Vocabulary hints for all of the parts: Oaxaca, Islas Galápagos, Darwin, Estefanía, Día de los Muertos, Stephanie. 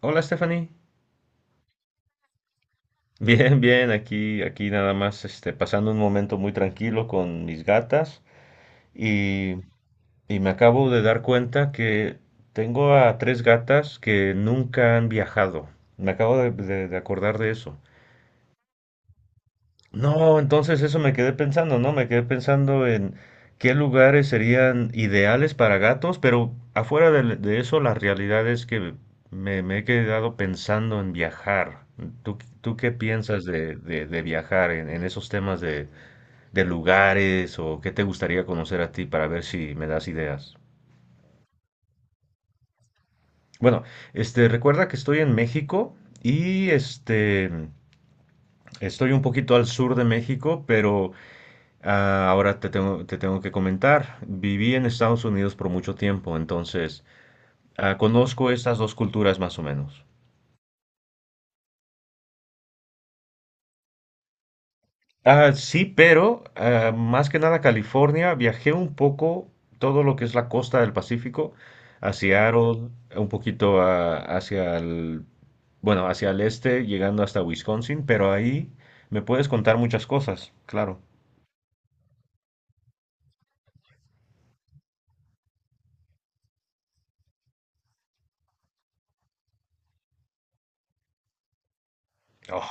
Hola, Stephanie. Bien, bien, aquí nada más, pasando un momento muy tranquilo con mis gatas y, y me acabo de dar cuenta que tengo a tres gatas que nunca han viajado. Me acabo de acordar de eso. No, entonces eso me quedé pensando, ¿no? Me quedé pensando en qué lugares serían ideales para gatos, pero afuera de eso, la realidad es que me he quedado pensando en viajar. Tú qué piensas de viajar en esos temas de lugares o qué te gustaría conocer a ti para ver si me das ideas? Bueno, recuerda que estoy en México y estoy un poquito al sur de México, pero. Ah, ahora te tengo que comentar, viví en Estados Unidos por mucho tiempo, entonces conozco estas dos culturas más o menos. Ah, sí, pero más que nada California, viajé un poco todo lo que es la costa del Pacífico, a Seattle, un poquito hacia el este, llegando hasta Wisconsin, pero ahí me puedes contar muchas cosas, claro. Oh,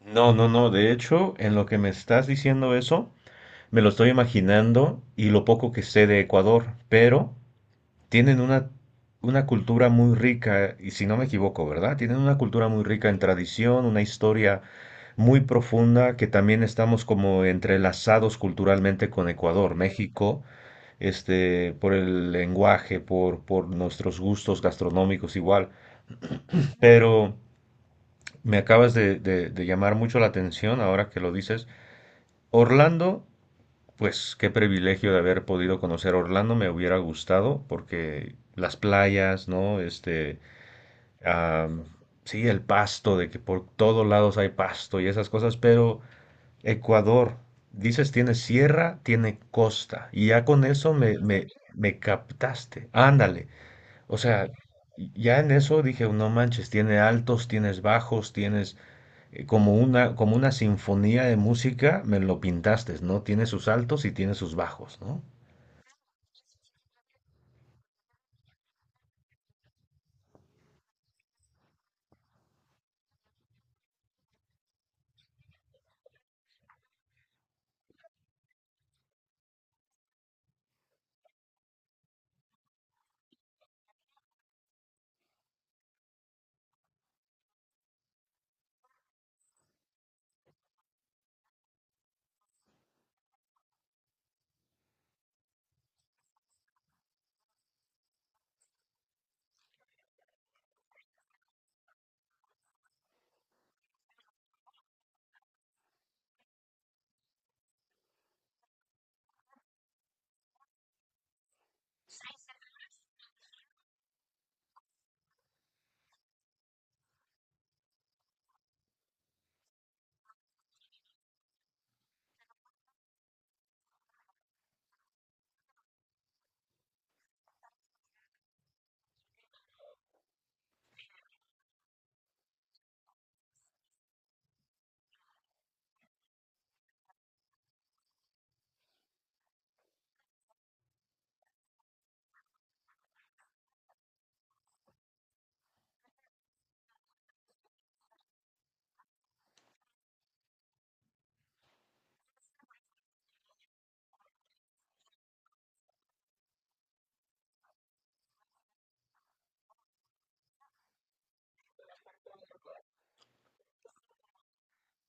no, no, no, de hecho, en lo que me estás diciendo eso. Me lo estoy imaginando y lo poco que sé de Ecuador, pero tienen una cultura muy rica, y si no me equivoco, ¿verdad? Tienen una cultura muy rica en tradición, una historia muy profunda, que también estamos como entrelazados culturalmente con Ecuador, México, por el lenguaje, por nuestros gustos gastronómicos igual. Pero me acabas de llamar mucho la atención ahora que lo dices. Orlando. Pues qué privilegio de haber podido conocer Orlando, me hubiera gustado porque las playas, ¿no? Am, sí, el pasto, de que por todos lados hay pasto y esas cosas, pero Ecuador, dices, tiene sierra, tiene costa, y ya con eso me captaste, ándale, o sea, ya en eso dije, no manches, tiene altos, tienes bajos, tienes como una, sinfonía de música, me lo pintaste, ¿no? Tiene sus altos y tiene sus bajos, ¿no?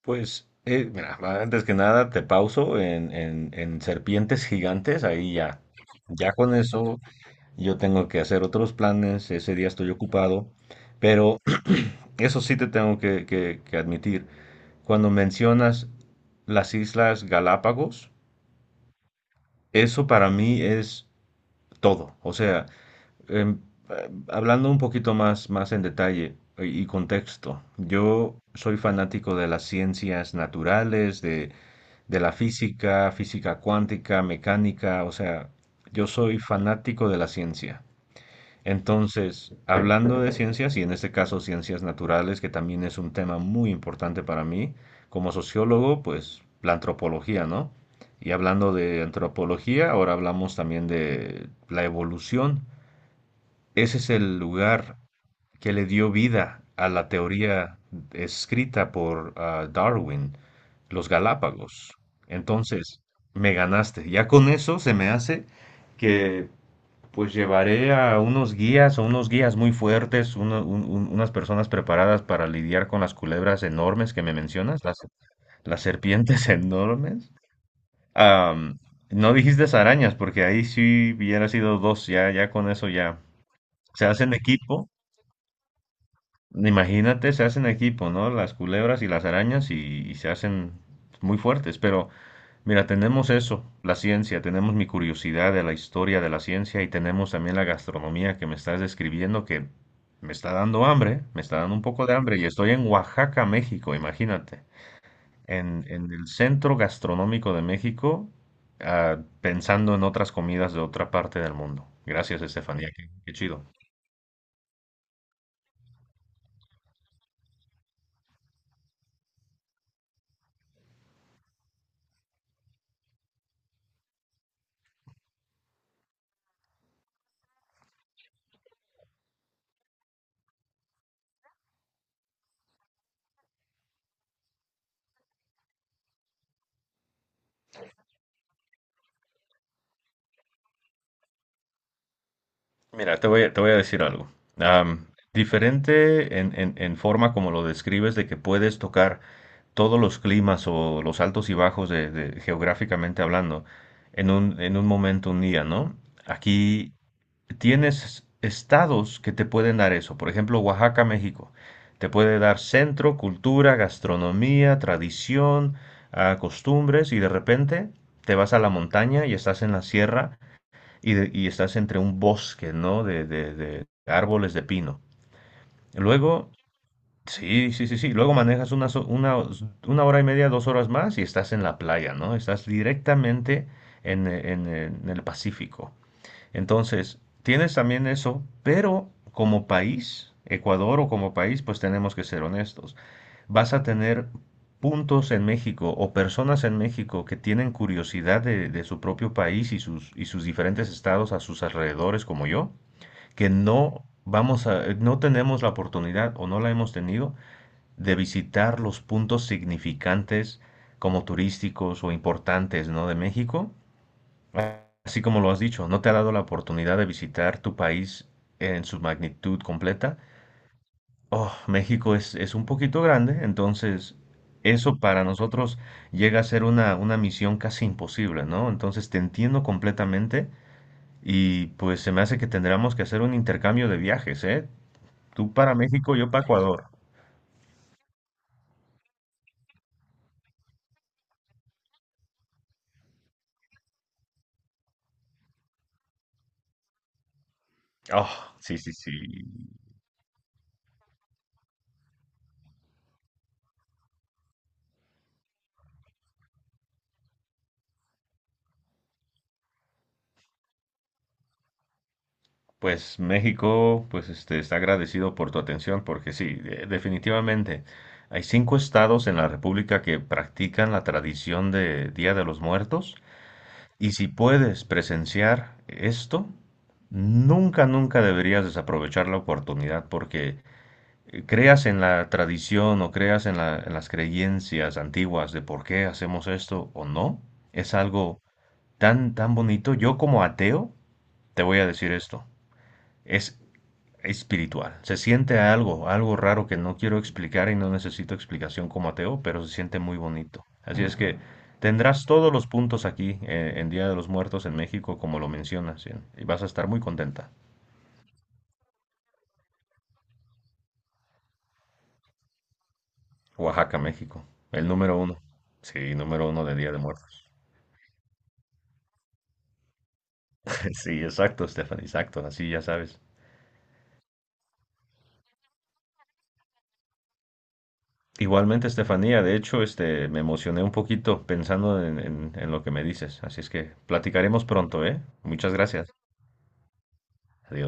Pues, mira, antes que nada te pauso en serpientes gigantes, ahí ya. Ya con eso yo tengo que hacer otros planes, ese día estoy ocupado, pero eso sí te tengo que admitir, cuando mencionas las Islas Galápagos, eso para mí es todo. O sea, em, hablando un poquito más en detalle y contexto, yo soy fanático de las ciencias naturales, de la física, física cuántica, mecánica, o sea, yo soy fanático de la ciencia. Entonces, hablando de ciencias, y en este caso ciencias naturales, que también es un tema muy importante para mí, como sociólogo, pues la antropología, ¿no? Y hablando de antropología, ahora hablamos también de la evolución. Ese es el lugar que le dio vida a la teoría escrita por Darwin, los Galápagos. Entonces, me ganaste. Ya con eso se me hace que pues llevaré a unos guías o unos guías muy fuertes, unas personas preparadas para lidiar con las culebras enormes que me mencionas, las serpientes enormes. Am, no dijiste arañas, porque ahí sí hubiera sido dos, ya, ya con eso ya. Se hacen equipo. Imagínate, se hacen equipo, ¿no? Las culebras y las arañas y se hacen muy fuertes. Pero mira, tenemos eso, la ciencia, tenemos mi curiosidad de la historia de la ciencia y tenemos también la gastronomía que me estás describiendo que me está dando hambre, me está dando un poco de hambre y estoy en Oaxaca, México, imagínate. En el centro gastronómico de México, pensando en otras comidas de otra parte del mundo. Gracias, Estefanía, qué chido. Mira, te voy a decir algo. Am, diferente en forma como lo describes de que puedes tocar todos los climas o los altos y bajos geográficamente hablando en un momento, un día, ¿no? Aquí tienes estados que te pueden dar eso. Por ejemplo, Oaxaca, México. Te puede dar centro, cultura, gastronomía, tradición, costumbres y de repente te vas a la montaña y estás en la sierra y estás entre un bosque, ¿no? De árboles de pino. Luego, sí, sí, sí, sí. Luego manejas una hora y media, dos horas más y estás en la playa, ¿no? Estás directamente en el Pacífico. Entonces, tienes también eso, pero como país, Ecuador o como país, pues tenemos que ser honestos. Vas a tener puntos en México o personas en México que tienen curiosidad de su propio país y sus diferentes estados a sus alrededores, como yo, que no vamos a, no tenemos la oportunidad o no la hemos tenido de visitar los puntos significantes como turísticos o importantes, ¿no? De México. Así como lo has dicho, ¿no te ha dado la oportunidad de visitar tu país en su magnitud completa? Oh, México es un poquito grande, entonces eso para nosotros llega a ser una misión casi imposible, ¿no? Entonces te entiendo completamente y pues se me hace que tendremos que hacer un intercambio de viajes, ¿eh? Tú para México, yo para Ecuador. Oh, sí, sí, sí. Pues México, pues está agradecido por tu atención, porque sí, definitivamente hay 5 estados en la República que practican la tradición de Día de los Muertos, y si puedes presenciar esto, nunca, nunca deberías desaprovechar la oportunidad, porque creas en la tradición o creas en las creencias antiguas de por qué hacemos esto o no, es algo tan, tan bonito. Yo como ateo, te voy a decir esto. Es espiritual. Se siente algo raro que no quiero explicar y no necesito explicación como ateo, pero se siente muy bonito. Así es que tendrás todos los puntos aquí en Día de los Muertos en México, como lo mencionas, y vas a estar muy contenta. Oaxaca, México, el número uno. Sí, número uno de Día de Muertos. Sí, exacto, Stephanie, exacto, así ya sabes. Igualmente, Estefanía, de hecho, me emocioné un poquito pensando en lo que me dices, así es que platicaremos pronto, ¿eh? Muchas gracias. Adiós.